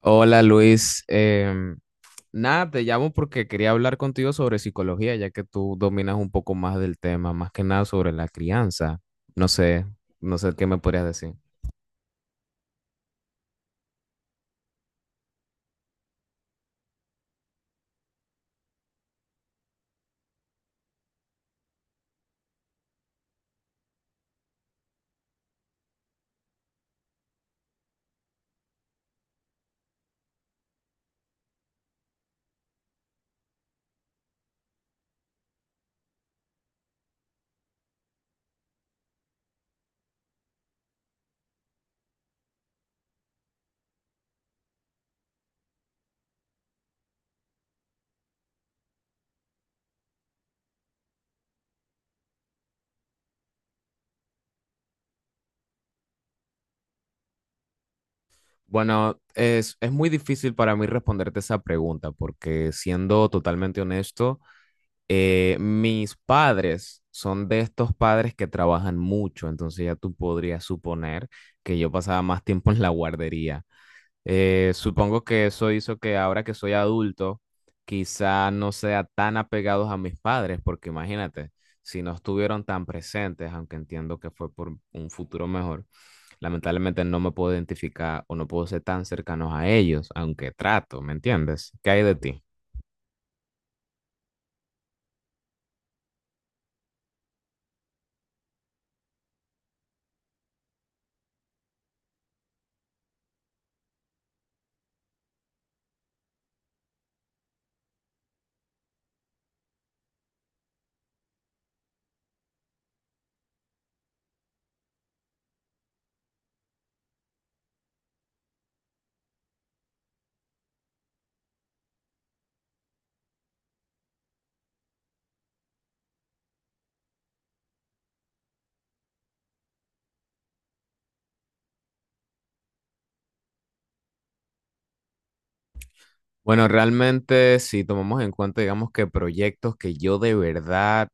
Hola Luis, nada, te llamo porque quería hablar contigo sobre psicología, ya que tú dominas un poco más del tema, más que nada sobre la crianza. No sé, no sé qué me podrías decir. Bueno, es muy difícil para mí responderte esa pregunta, porque siendo totalmente honesto, mis padres son de estos padres que trabajan mucho, entonces ya tú podrías suponer que yo pasaba más tiempo en la guardería. Supongo que eso hizo que ahora que soy adulto, quizá no sea tan apegados a mis padres, porque imagínate, si no estuvieron tan presentes, aunque entiendo que fue por un futuro mejor, lamentablemente no me puedo identificar o no puedo ser tan cercanos a ellos, aunque trato, ¿me entiendes? ¿Qué hay de ti? Bueno, realmente si tomamos en cuenta, digamos que proyectos que yo de verdad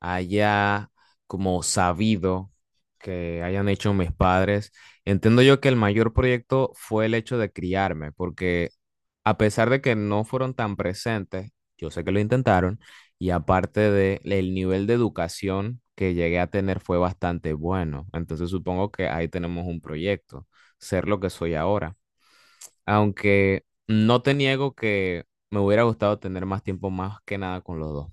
haya como sabido que hayan hecho mis padres, entiendo yo que el mayor proyecto fue el hecho de criarme, porque a pesar de que no fueron tan presentes, yo sé que lo intentaron, y aparte de el nivel de educación que llegué a tener fue bastante bueno, entonces supongo que ahí tenemos un proyecto, ser lo que soy ahora aunque no te niego que me hubiera gustado tener más tiempo más que nada con los dos.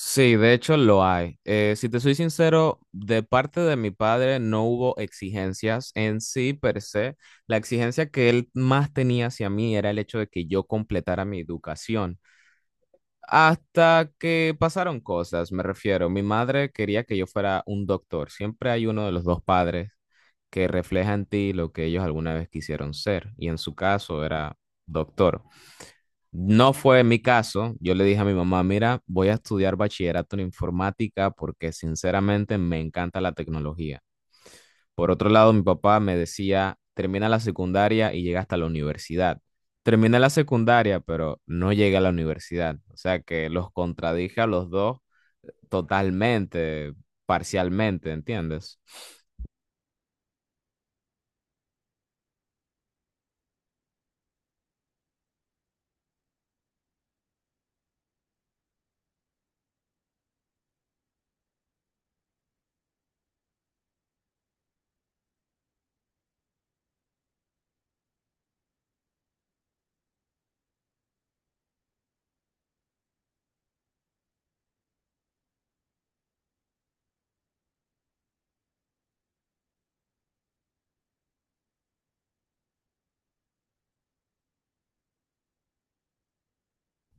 Sí, de hecho lo hay. Si te soy sincero, de parte de mi padre no hubo exigencias en sí per se. La exigencia que él más tenía hacia mí era el hecho de que yo completara mi educación. Hasta que pasaron cosas, me refiero. Mi madre quería que yo fuera un doctor. Siempre hay uno de los dos padres que refleja en ti lo que ellos alguna vez quisieron ser, y en su caso era doctor. No fue mi caso, yo le dije a mi mamá, mira, voy a estudiar bachillerato en informática porque sinceramente me encanta la tecnología. Por otro lado, mi papá me decía, termina la secundaria y llega hasta la universidad. Terminé la secundaria, pero no llegué a la universidad. O sea que los contradije a los dos totalmente, parcialmente, ¿entiendes?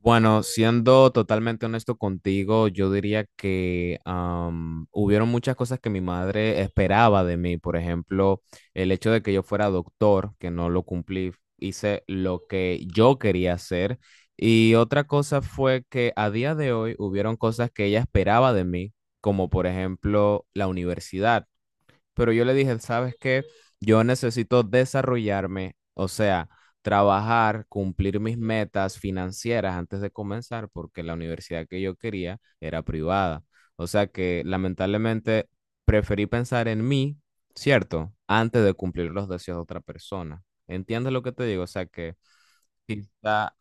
Bueno, siendo totalmente honesto contigo, yo diría que hubieron muchas cosas que mi madre esperaba de mí. Por ejemplo, el hecho de que yo fuera doctor, que no lo cumplí, hice lo que yo quería hacer. Y otra cosa fue que a día de hoy hubieron cosas que ella esperaba de mí, como por ejemplo la universidad, pero yo le dije, ¿sabes qué? Yo necesito desarrollarme, o sea, trabajar, cumplir mis metas financieras antes de comenzar, porque la universidad que yo quería era privada. O sea que lamentablemente preferí pensar en mí, ¿cierto? Antes de cumplir los deseos de otra persona. ¿Entiendes lo que te digo? O sea que quizá,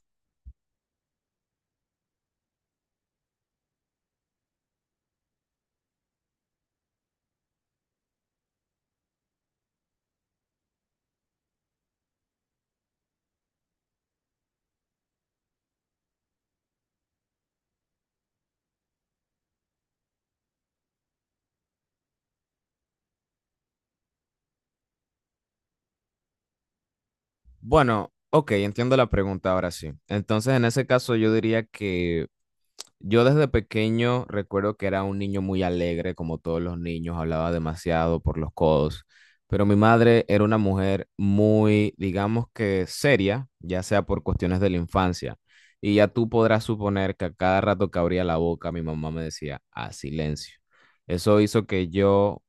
bueno, ok, entiendo la pregunta ahora sí. Entonces, en ese caso, yo diría que yo desde pequeño recuerdo que era un niño muy alegre, como todos los niños, hablaba demasiado por los codos, pero mi madre era una mujer muy, digamos que seria, ya sea por cuestiones de la infancia. Y ya tú podrás suponer que a cada rato que abría la boca, mi mamá me decía, a silencio. Eso hizo que yo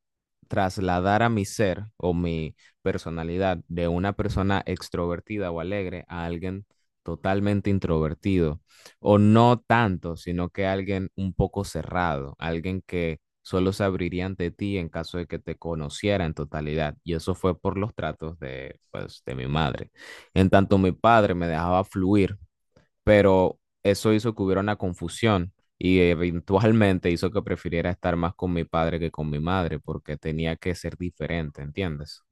trasladara mi ser o mi personalidad de una persona extrovertida o alegre a alguien totalmente introvertido o no tanto, sino que alguien un poco cerrado, alguien que solo se abriría ante ti en caso de que te conociera en totalidad. Y eso fue por los tratos de, pues, de mi madre. En tanto, mi padre me dejaba fluir, pero eso hizo que hubiera una confusión y eventualmente hizo que prefiriera estar más con mi padre que con mi madre porque tenía que ser diferente, ¿entiendes?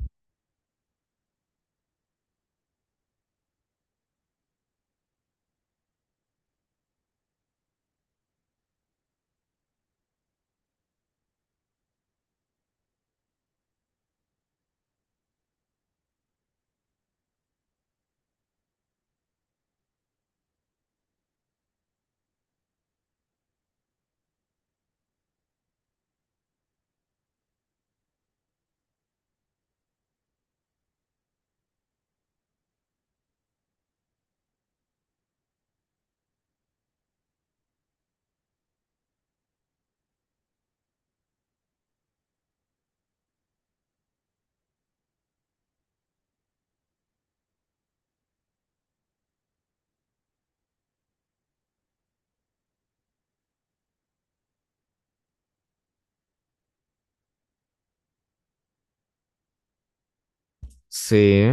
Sí.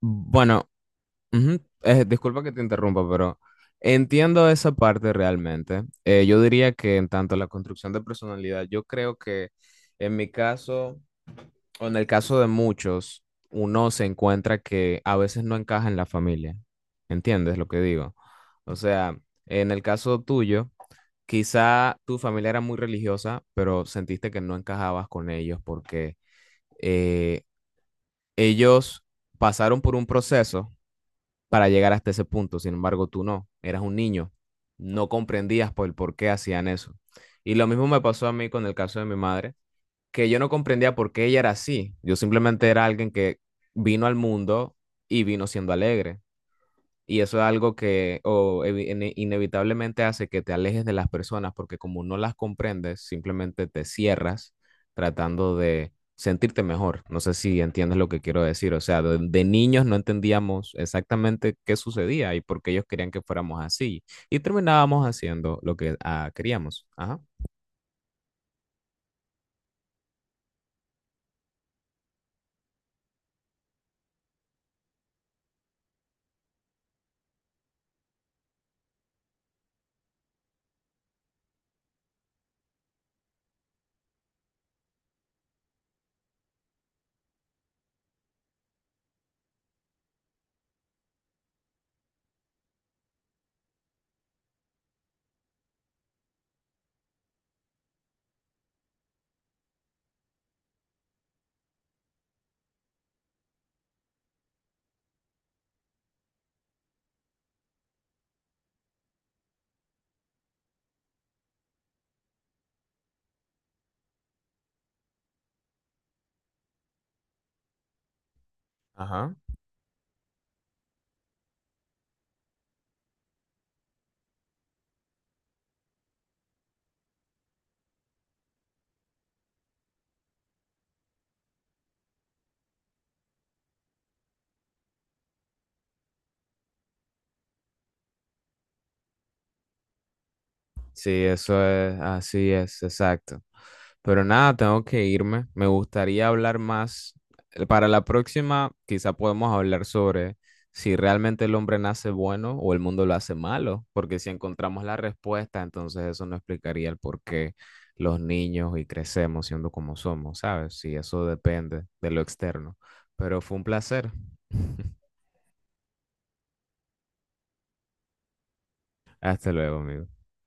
Bueno, ujú. Disculpa que te interrumpa, pero entiendo esa parte realmente. Yo diría que en tanto la construcción de personalidad, yo creo que en mi caso, o en el caso de muchos, uno se encuentra que a veces no encaja en la familia. ¿Entiendes lo que digo? O sea, en el caso tuyo, quizá tu familia era muy religiosa, pero sentiste que no encajabas con ellos porque eh, ellos pasaron por un proceso para llegar hasta ese punto. Sin embargo, tú no, eras un niño, no comprendías por el por qué hacían eso. Y lo mismo me pasó a mí con el caso de mi madre, que yo no comprendía por qué ella era así. Yo simplemente era alguien que vino al mundo y vino siendo alegre. Y eso es algo que inevitablemente hace que te alejes de las personas porque como no las comprendes, simplemente te cierras tratando de sentirte mejor. No sé si entiendes lo que quiero decir. O sea, de niños no entendíamos exactamente qué sucedía y por qué ellos querían que fuéramos así. Y terminábamos haciendo lo que queríamos. Ajá. Ajá. Sí, eso es, así es, exacto. Pero nada, tengo que irme. Me gustaría hablar más. Para la próxima, quizá podemos hablar sobre si realmente el hombre nace bueno o el mundo lo hace malo, porque si encontramos la respuesta, entonces eso no explicaría el por qué los niños y crecemos siendo como somos, ¿sabes? Si eso depende de lo externo. Pero fue un placer. Hasta luego, amigo.